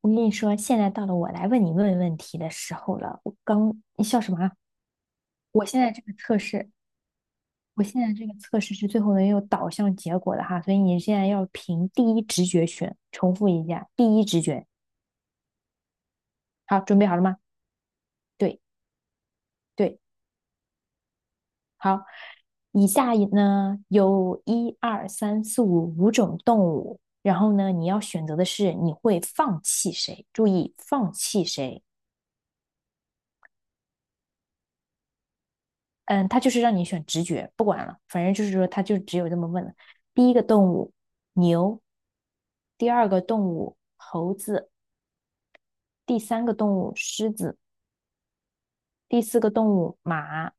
我跟你说，现在到了我来问你问题的时候了。我刚，你笑什么啊？我现在这个测试，我现在这个测试是最后能有导向结果的哈，所以你现在要凭第一直觉选。重复一下，第一直觉。好，准备好了吗？对对，好。以下呢有一二三四五五种动物，然后呢你要选择的是你会放弃谁？注意，放弃谁？嗯，他就是让你选直觉，不管了，反正就是说他就只有这么问了。第一个动物牛，第二个动物猴子，第三个动物狮子，第四个动物马，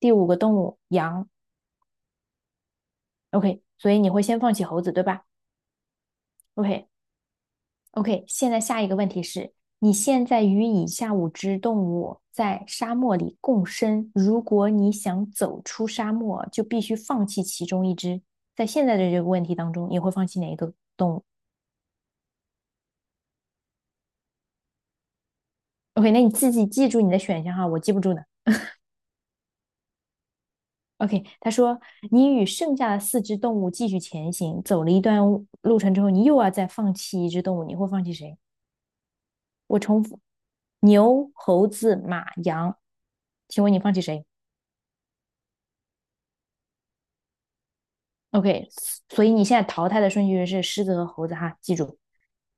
第五个动物羊。OK，所以你会先放弃猴子，对吧？OK，OK，现在下一个问题是，你现在与以下五只动物在沙漠里共生，如果你想走出沙漠，就必须放弃其中一只。在现在的这个问题当中，你会放弃哪一个动物？OK，那你自己记住你的选项哈，我记不住的。OK，他说你与剩下的四只动物继续前行，走了一段路程之后，你又要再放弃一只动物，你会放弃谁？我重复，牛、猴子、马、羊，请问你放弃谁？OK，所以你现在淘汰的顺序是狮子和猴子哈，记住。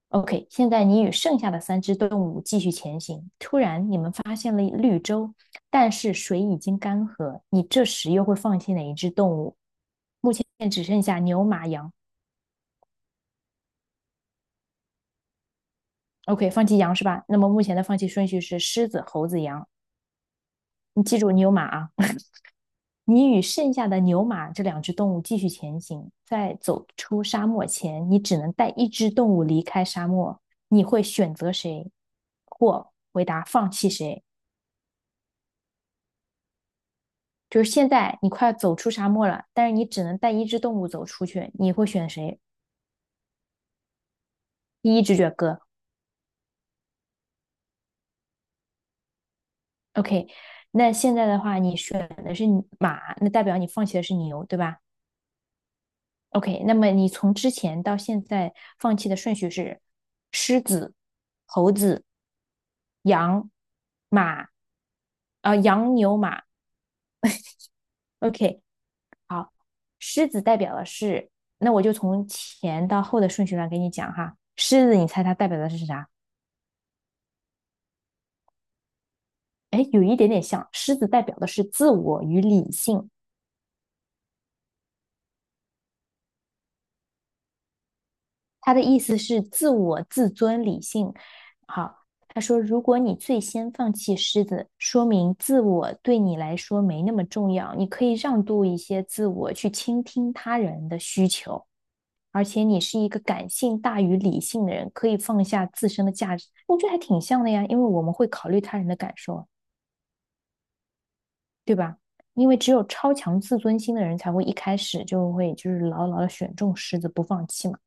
OK，现在你与剩下的三只动物继续前行。突然，你们发现了绿洲，但是水已经干涸。你这时又会放弃哪一只动物？目前只剩下牛、马、羊。OK，放弃羊是吧？那么目前的放弃顺序是狮子、猴子、羊。你记住牛马啊。你与剩下的牛马这两只动物继续前行，在走出沙漠前，你只能带一只动物离开沙漠。你会选择谁，或回答放弃谁？就是现在你快要走出沙漠了，但是你只能带一只动物走出去，你会选谁？第一直觉哥，OK。那现在的话，你选的是马，那代表你放弃的是牛，对吧？OK，那么你从之前到现在放弃的顺序是狮子、猴子、羊、马，呃，羊、牛、马。OK，好，狮子代表的是，那我就从前到后的顺序来给你讲哈。狮子，你猜它代表的是啥？哎，有一点点像，狮子代表的是自我与理性，他的意思是自我、自尊、理性。好，他说，如果你最先放弃狮子，说明自我对你来说没那么重要，你可以让渡一些自我，去倾听他人的需求。而且你是一个感性大于理性的人，可以放下自身的价值。我觉得还挺像的呀，因为我们会考虑他人的感受，对吧？因为只有超强自尊心的人才会一开始就会就是牢牢的选中狮子不放弃嘛。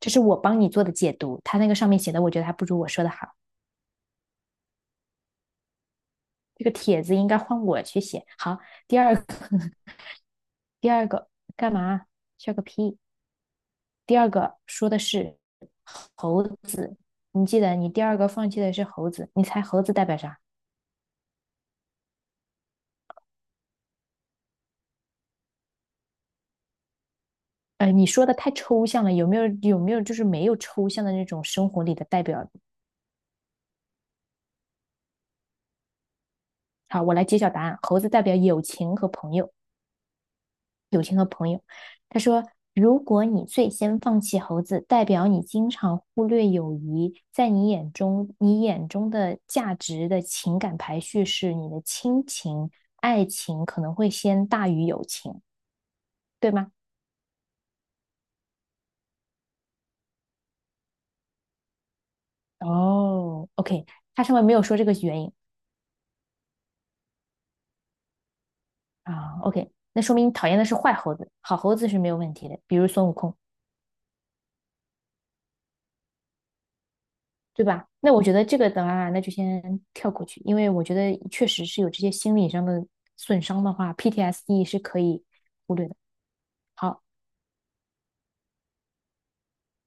这是我帮你做的解读，他那个上面写的，我觉得还不如我说的好。这个帖子应该换我去写。好，第二个，第二个干嘛？笑个屁！第二个说的是猴子，你记得你第二个放弃的是猴子，你猜猴子代表啥？你说的太抽象了，有没有就是没有抽象的那种生活里的代表？好，我来揭晓答案，猴子代表友情和朋友。友情和朋友。他说，如果你最先放弃猴子，代表你经常忽略友谊，在你眼中，你眼中的价值的情感排序是你的亲情、爱情可能会先大于友情，对吗？哦，OK，他上面没有说这个原因啊，OK，那说明你讨厌的是坏猴子，好猴子是没有问题的，比如孙悟空。对吧？那我觉得这个的话，那就先跳过去，因为我觉得确实是有这些心理上的损伤的话，PTSD 是可以忽略的。好，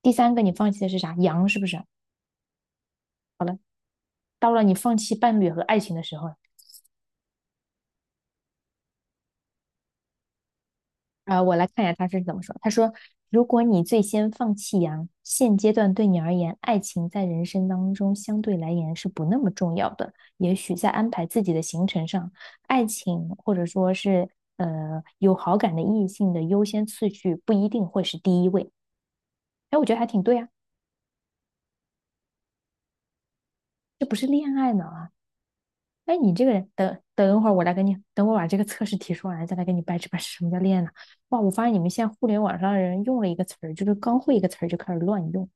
第三个你放弃的是啥？羊是不是？到了你放弃伴侣和爱情的时候，啊，我来看一下他是怎么说。他说："如果你最先放弃羊，现阶段对你而言，爱情在人生当中相对来言是不那么重要的。也许在安排自己的行程上，爱情或者说是有好感的异性的优先次序不一定会是第一位。"哎，我觉得还挺对啊，这不是恋爱脑啊！哎，你这个人，等等会儿我来跟你，等我把这个测试题说完，再来跟你掰扯掰扯什么叫恋爱脑。哇，我发现你们现在互联网上的人用了一个词儿，就是刚会一个词儿就开始乱用。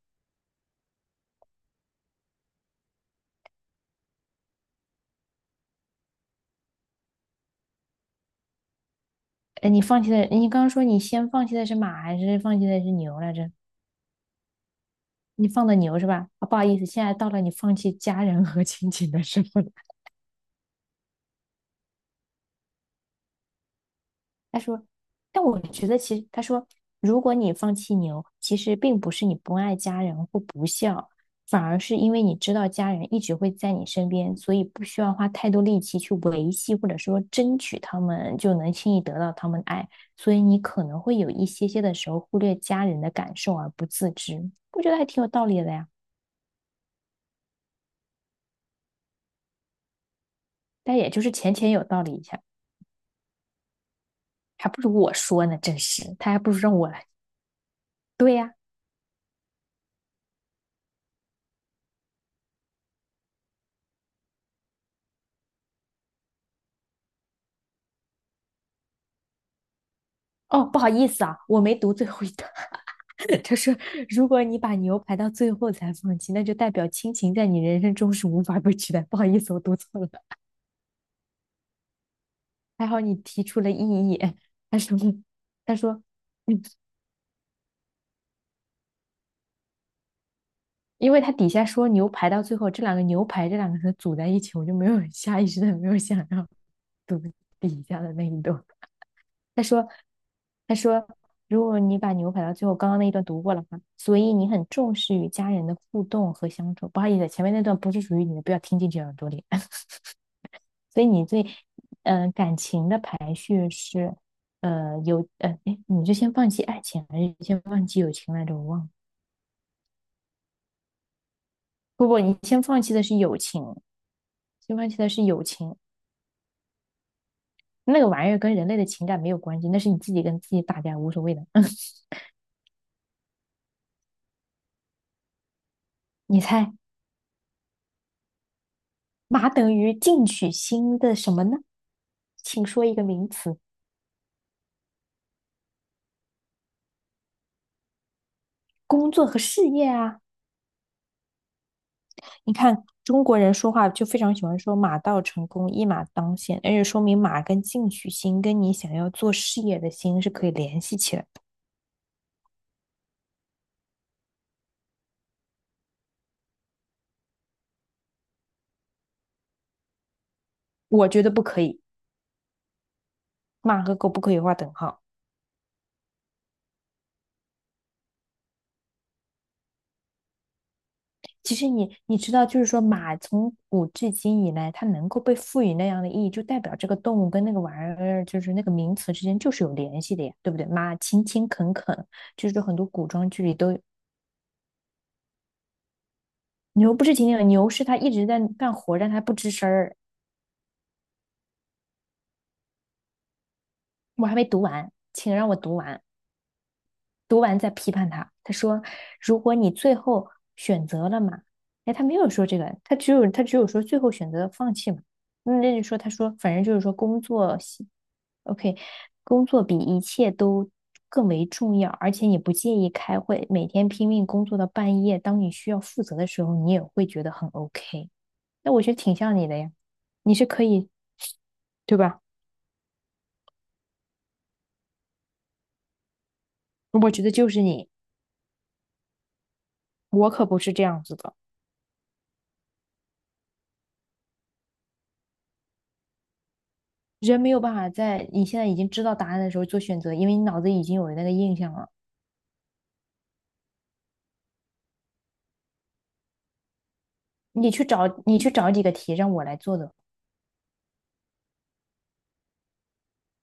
哎，你放弃的，你刚刚说你先放弃的是马还是放弃的是牛来着？你放的牛是吧？啊，不好意思，现在到了你放弃家人和亲情的时候。他说，但我觉得其实他说，如果你放弃牛，其实并不是你不爱家人或不孝，反而是因为你知道家人一直会在你身边，所以不需要花太多力气去维系或者说争取他们，就能轻易得到他们的爱，所以你可能会有一些些的时候忽略家人的感受而不自知，我觉得还挺有道理的呀。但也就是浅浅有道理一下，还不如我说呢，真是，他还不如让我来。对呀，哦，不好意思啊，我没读最后一段。他说，如果你把牛排到最后才放弃，那就代表亲情在你人生中是无法被取代。不好意思，我读错了，还好你提出了异议。他说，他说,嗯因为他底下说牛排到最后，这两个牛排这两个字组在一起，我就没有下意识的没有想要读底下的那一段。他说，他说,如果你把牛排到最后，刚刚那一段读过了吗？所以你很重视与家人的互动和相处。不好意思，前面那段不是属于你的，不要听进去耳朵里。所以你最，感情的排序是，哎，你就先放弃爱情，还是先放弃友情来着？我忘了。不不，你先放弃的是友情，先放弃的是友情，那个玩意儿跟人类的情感没有关系，那是你自己跟自己打架，无所谓的。你猜，马等于进取心的什么呢？请说一个名词，工作和事业啊。你看中国人说话就非常喜欢说"马到成功，一马当先"，而且说明马跟进取心跟你想要做事业的心是可以联系起来的。我觉得不可以，马和狗不可以画等号。其实你知道，就是说马从古至今以来，它能够被赋予那样的意义，就代表这个动物跟那个玩意儿，就是那个名词之间就是有联系的呀，对不对？马勤勤恳恳，就是很多古装剧里都有。牛不是勤勤恳，牛是它一直在干活，但它不吱声儿。我还没读完，请让我读完。读完再批判他。他说，如果你最后选择了嘛，哎，他没有说这个，他只有说最后选择放弃嘛。嗯那就说他说，反正就是说工作，OK，工作比一切都更为重要，而且你不介意开会，每天拼命工作到半夜，当你需要负责的时候，你也会觉得很 OK。那我觉得挺像你的呀，你是可以，对吧？我觉得就是你，我可不是这样子的。人没有办法在你现在已经知道答案的时候做选择，因为你脑子已经有那个印象了。你去找几个题让我来做的。